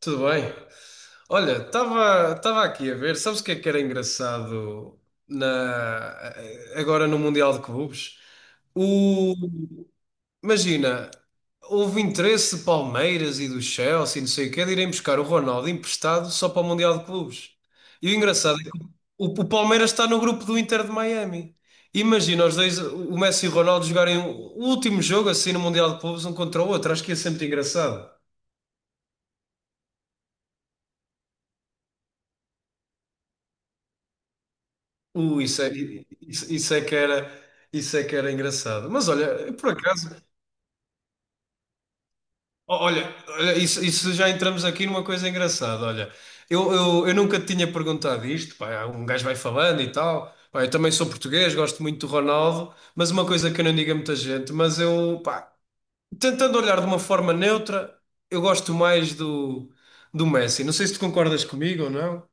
Tudo bem? Olha, estava aqui a ver, sabes o que é que era engraçado na, agora no Mundial de Clubes? O, Imagina, houve interesse de Palmeiras e do Chelsea, não sei o quê, de irem buscar o Ronaldo emprestado só para o Mundial de Clubes. E o engraçado é que o Palmeiras está no grupo do Inter de Miami. Imagina os dois, o Messi e o Ronaldo, jogarem o último jogo assim no Mundial de Clubes, um contra o outro. Acho que ia ser muito engraçado. Uh, isso é, isso é que era, isso é que era engraçado. Mas olha, por acaso, ó, olha, olha, isso já entramos aqui numa coisa engraçada. Olha, eu nunca te tinha perguntado isto, pá, um gajo vai falando e tal. Pá, eu também sou português, gosto muito do Ronaldo, mas uma coisa que eu não digo a muita gente, mas eu, pá, tentando olhar de uma forma neutra, eu gosto mais do Messi. Não sei se tu concordas comigo ou não.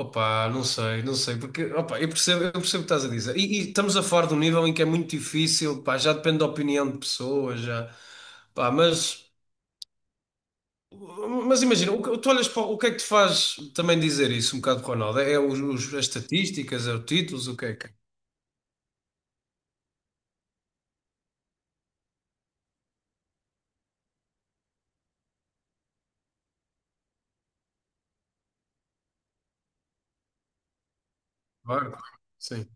Opa, não sei, não sei, porque opa, eu percebo o que estás a dizer. E estamos a falar de um nível em que é muito difícil, pá, já depende da opinião de pessoas, já, pá, mas imagina, tu olhas para o que é que te faz também dizer isso, um bocado, Ronaldo? É as estatísticas, é os títulos, o que é que é? Claro, sim,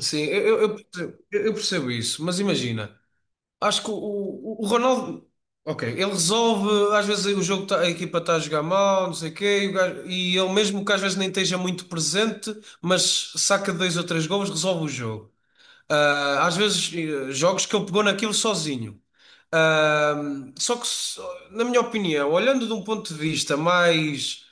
sim, eu percebo isso, mas imagina. Acho que o Ronaldo, ok, ele resolve, às vezes a equipa está a jogar mal, não sei o quê, e ele mesmo que às vezes nem esteja muito presente, mas saca dois ou três golos, resolve o jogo. Às vezes, jogos que ele pegou naquilo sozinho. Ah, Na minha opinião, olhando de um ponto de vista mais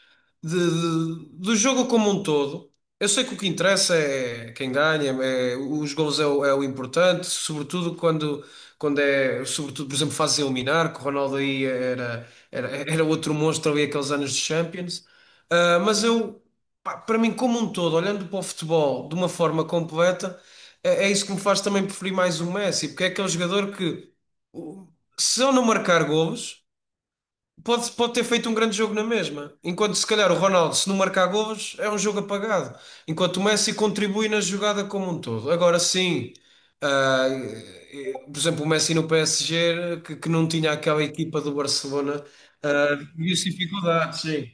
do jogo como um todo, eu sei que o que interessa é quem ganha, os gols é o importante, sobretudo quando, quando é, sobretudo, por exemplo, fase de eliminar, que o Ronaldo aí era outro monstro ali aqueles anos de Champions. Mas eu, pá, para mim, como um todo, olhando para o futebol de uma forma completa. É isso que me faz também preferir mais o Messi, porque é aquele jogador que, o- se ele não marcar golos, pode ter feito um grande jogo na mesma. Enquanto se calhar o Ronaldo, se não marcar golos, é um jogo apagado. Enquanto o Messi contribui na jogada como um todo. Agora sim, ah, por exemplo, o Messi no PSG, que não tinha aquela equipa do Barcelona, viu-se dificuldades, sim.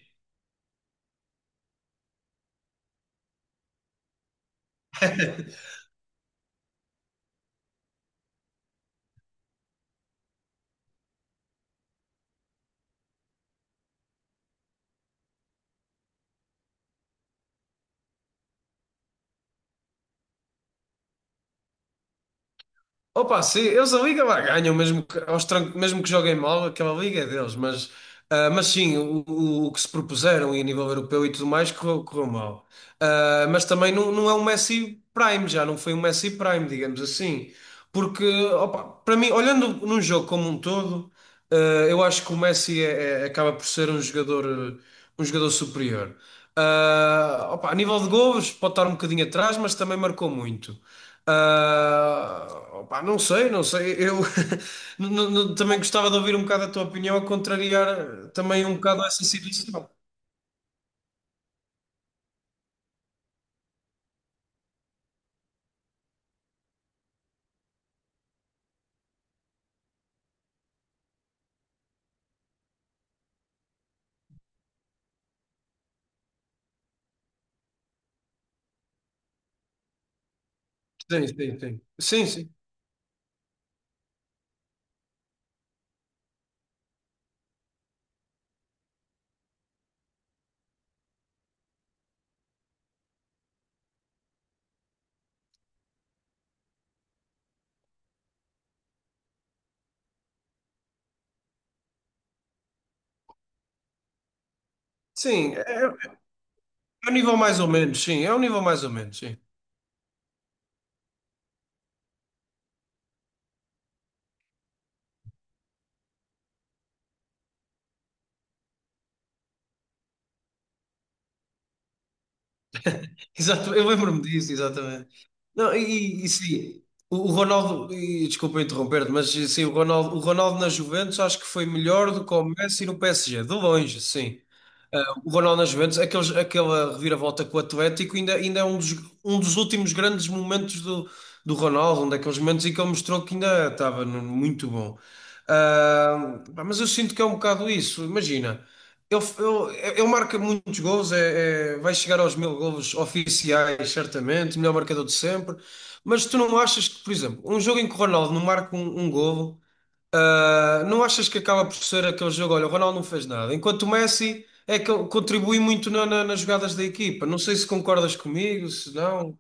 Opa, sim, eles a Liga lá ganham, mesmo que joguem mal, aquela Liga é deles, mas sim, o que se propuseram e a nível europeu e tudo mais correu mal. Mas também não é um Messi Prime, já não foi um Messi Prime, digamos assim. Porque, opa, para mim, olhando num jogo como um todo, ah, eu acho que o Messi acaba por ser um jogador superior. Opa, a nível de golos, pode estar um bocadinho atrás, mas também marcou muito. Ah, Opa, não sei, não sei. Eu também gostava de ouvir um bocado a tua opinião, a contrariar também um bocado essa situação. Sim, sim, sim. Sim, sim. Sim, é um nível mais ou menos, sim, é um nível mais ou menos, sim. Exato, eu lembro-me disso, exatamente. Não, e sim, o Ronaldo, e, desculpa interromper-te, mas sim, o Ronaldo na Juventus acho que foi melhor do que o Messi no PSG, de longe, sim. O Ronaldo na Juventus, aquela reviravolta com o Atlético, ainda é um dos últimos grandes momentos do Ronaldo, um daqueles momentos em que ele mostrou que ainda estava muito bom. Pá, mas eu sinto que é um bocado isso, imagina. Ele marca muitos gols, vai chegar aos mil gols oficiais, certamente, melhor marcador de sempre. Mas tu não achas que, por exemplo, um jogo em que o Ronaldo não marca um golo, não achas que acaba por ser aquele jogo? Olha, o Ronaldo não fez nada, enquanto o Messi é que ele contribui muito nas jogadas da equipa. Não sei se concordas comigo, se não.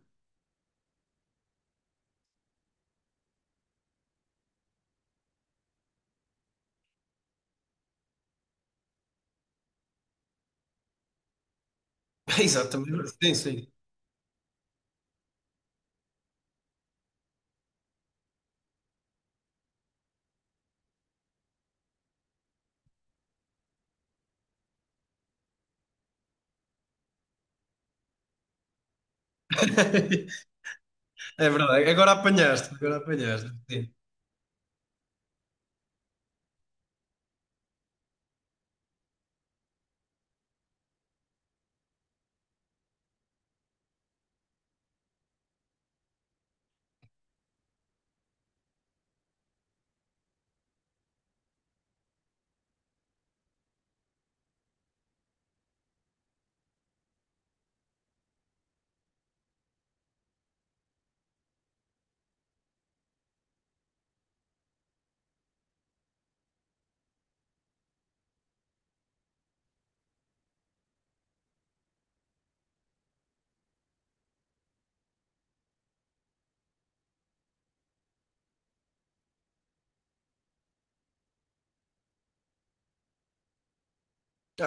Exatamente, sim, sim. É verdade, agora apanhaste, agora apanhaste.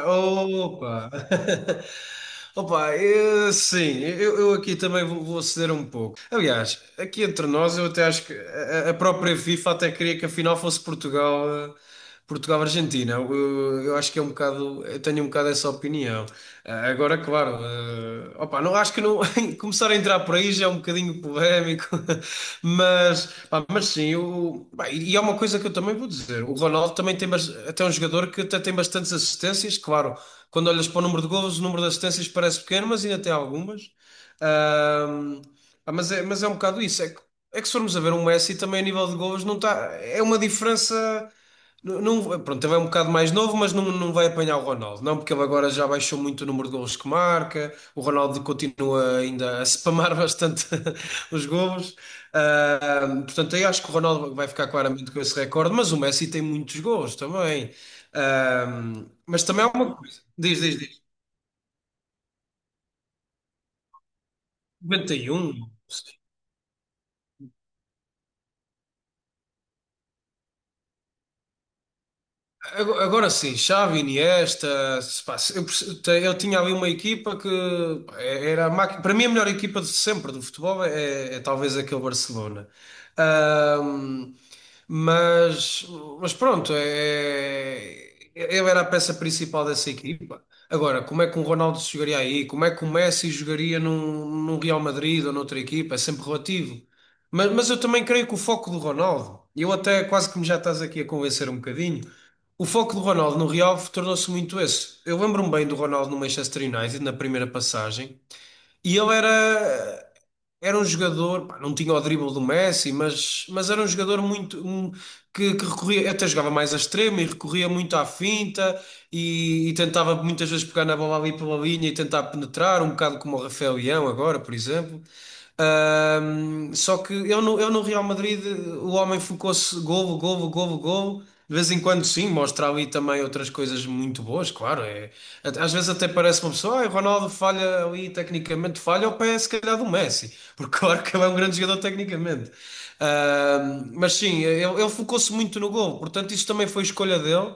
Opa! Opa, sim, eu aqui também vou ceder um pouco. Aliás, aqui entre nós, eu até acho que a própria FIFA até queria que a final fosse Portugal-Argentina. Eu acho que é um bocado, eu tenho um bocado essa opinião. Agora, claro, opa, não acho que não começar a entrar por aí já é um bocadinho polémico, mas, pá, mas sim, eu, pá, e é uma coisa que eu também vou dizer. O Ronaldo também tem até um jogador que até tem bastantes assistências, claro. Quando olhas para o número de golos, o número de assistências parece pequeno, mas ainda tem algumas. Ahm, Pá, mas é um bocado isso. É que se formos a ver um Messi também a nível de golos não está, é uma diferença. Não, pronto, ele é um bocado mais novo, mas não vai apanhar o Ronaldo. Não, porque ele agora já baixou muito o número de golos que marca. O Ronaldo continua ainda a spamar bastante os golos. Portanto, eu acho que o Ronaldo vai ficar claramente com esse recorde, mas o Messi tem muitos golos também. Ah, mas também há uma coisa. Diz, diz, diz. 91. Agora sim, Xavi, Iniesta, se pá, se- eu tinha ali uma equipa que pá, era a máquina, para mim a melhor equipa de sempre do futebol é talvez aquele Barcelona. Ahm, mas, mas pronto, eu era a peça principal dessa equipa. Agora, como é que um Ronaldo jogaria aí? Como é que o Messi jogaria num Real Madrid ou noutra equipa? É sempre relativo. Mas eu também creio que o foco do Ronaldo, e eu até quase que me já estás aqui a convencer um bocadinho. O foco do Ronaldo no Real tornou-se muito esse. Eu lembro-me bem do Ronaldo no Manchester United, na primeira passagem, e ele era um jogador, pá, não tinha o drible do Messi, mas era um jogador muito que recorria, até jogava mais a extremo e recorria muito à finta e tentava muitas vezes pegar na bola ali pela linha e tentar penetrar, um bocado como o Rafael Leão agora, por exemplo. Só que eu no Real Madrid o homem focou-se golo, golo, golo, golo. De vez em quando, sim, mostra ali também outras coisas muito boas, claro. É, às vezes até parece uma pessoa, o Ronaldo falha ali, tecnicamente falha, ao pé, se calhar, do Messi, porque claro que ele é um grande jogador tecnicamente. Mas sim, ele focou-se muito no golo, portanto, isso também foi escolha dele.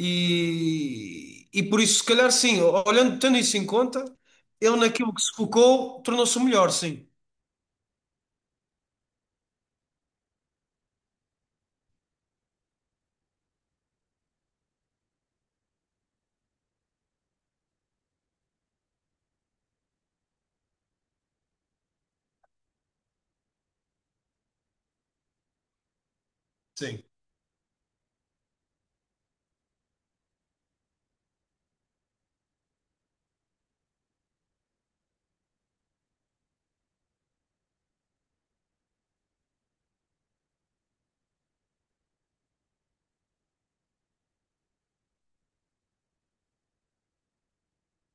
E por isso, se calhar, sim, olhando, tendo isso em conta, ele naquilo que se focou tornou-se o melhor, sim. Sim,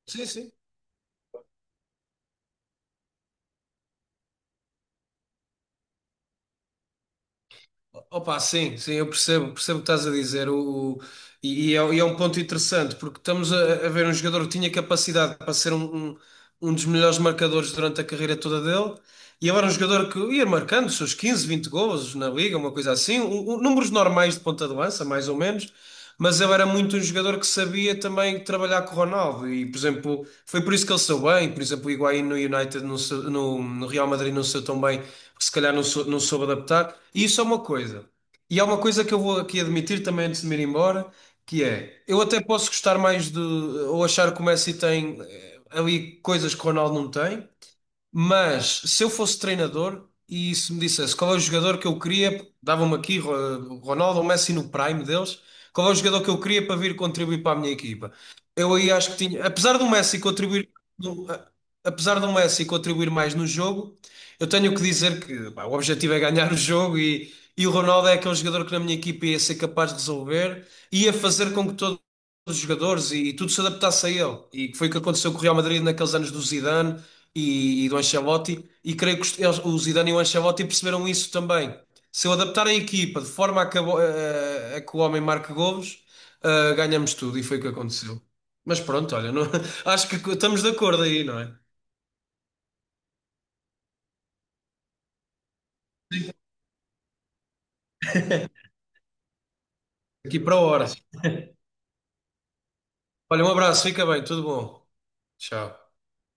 sim, sim. Opa, sim, sim, eu percebo, percebo o que estás a dizer. O, E, e é um ponto interessante, porque estamos a ver um jogador que tinha capacidade para ser um dos melhores marcadores durante a carreira toda dele, e agora um jogador que ia marcando os seus 15, 20 golos na liga, uma coisa assim, números normais de ponta de lança, mais ou menos, mas ele era muito um jogador que sabia também trabalhar com o Ronaldo, e por exemplo, foi por isso que ele saiu bem, por exemplo, o Higuaín no United, não no Real Madrid não saiu tão bem, porque se calhar não soube adaptar, e isso é uma coisa. E há uma coisa que eu vou aqui admitir também antes de me ir embora, que é, eu até posso gostar mais de, ou achar que o Messi tem ali coisas que o Ronaldo não tem, mas se eu fosse treinador e se me dissesse qual é o jogador que eu queria, dava-me aqui Ronaldo ou Messi no prime deles, qual é o jogador que eu queria para vir contribuir para a minha equipa? Eu aí acho que tinha, apesar do Messi contribuir, do- a- apesar do Messi contribuir mais no jogo, eu tenho que dizer que pá, o objetivo é ganhar o jogo e o Ronaldo é aquele jogador que na minha equipa ia ser capaz de resolver, ia fazer com que todos os jogadores e tudo se adaptasse a ele. E que foi o que aconteceu com o Real Madrid naqueles anos do Zidane e do Ancelotti, e creio que o Zidane e o Ancelotti perceberam isso também. Se eu adaptar a equipa de forma a que, a bo- a que o homem marque golos, ganhamos tudo, e foi o que aconteceu. Mas pronto, olha, acho que estamos de acordo aí, não é? Aqui para horas. Olha, um abraço, fica bem, tudo bom. Tchau.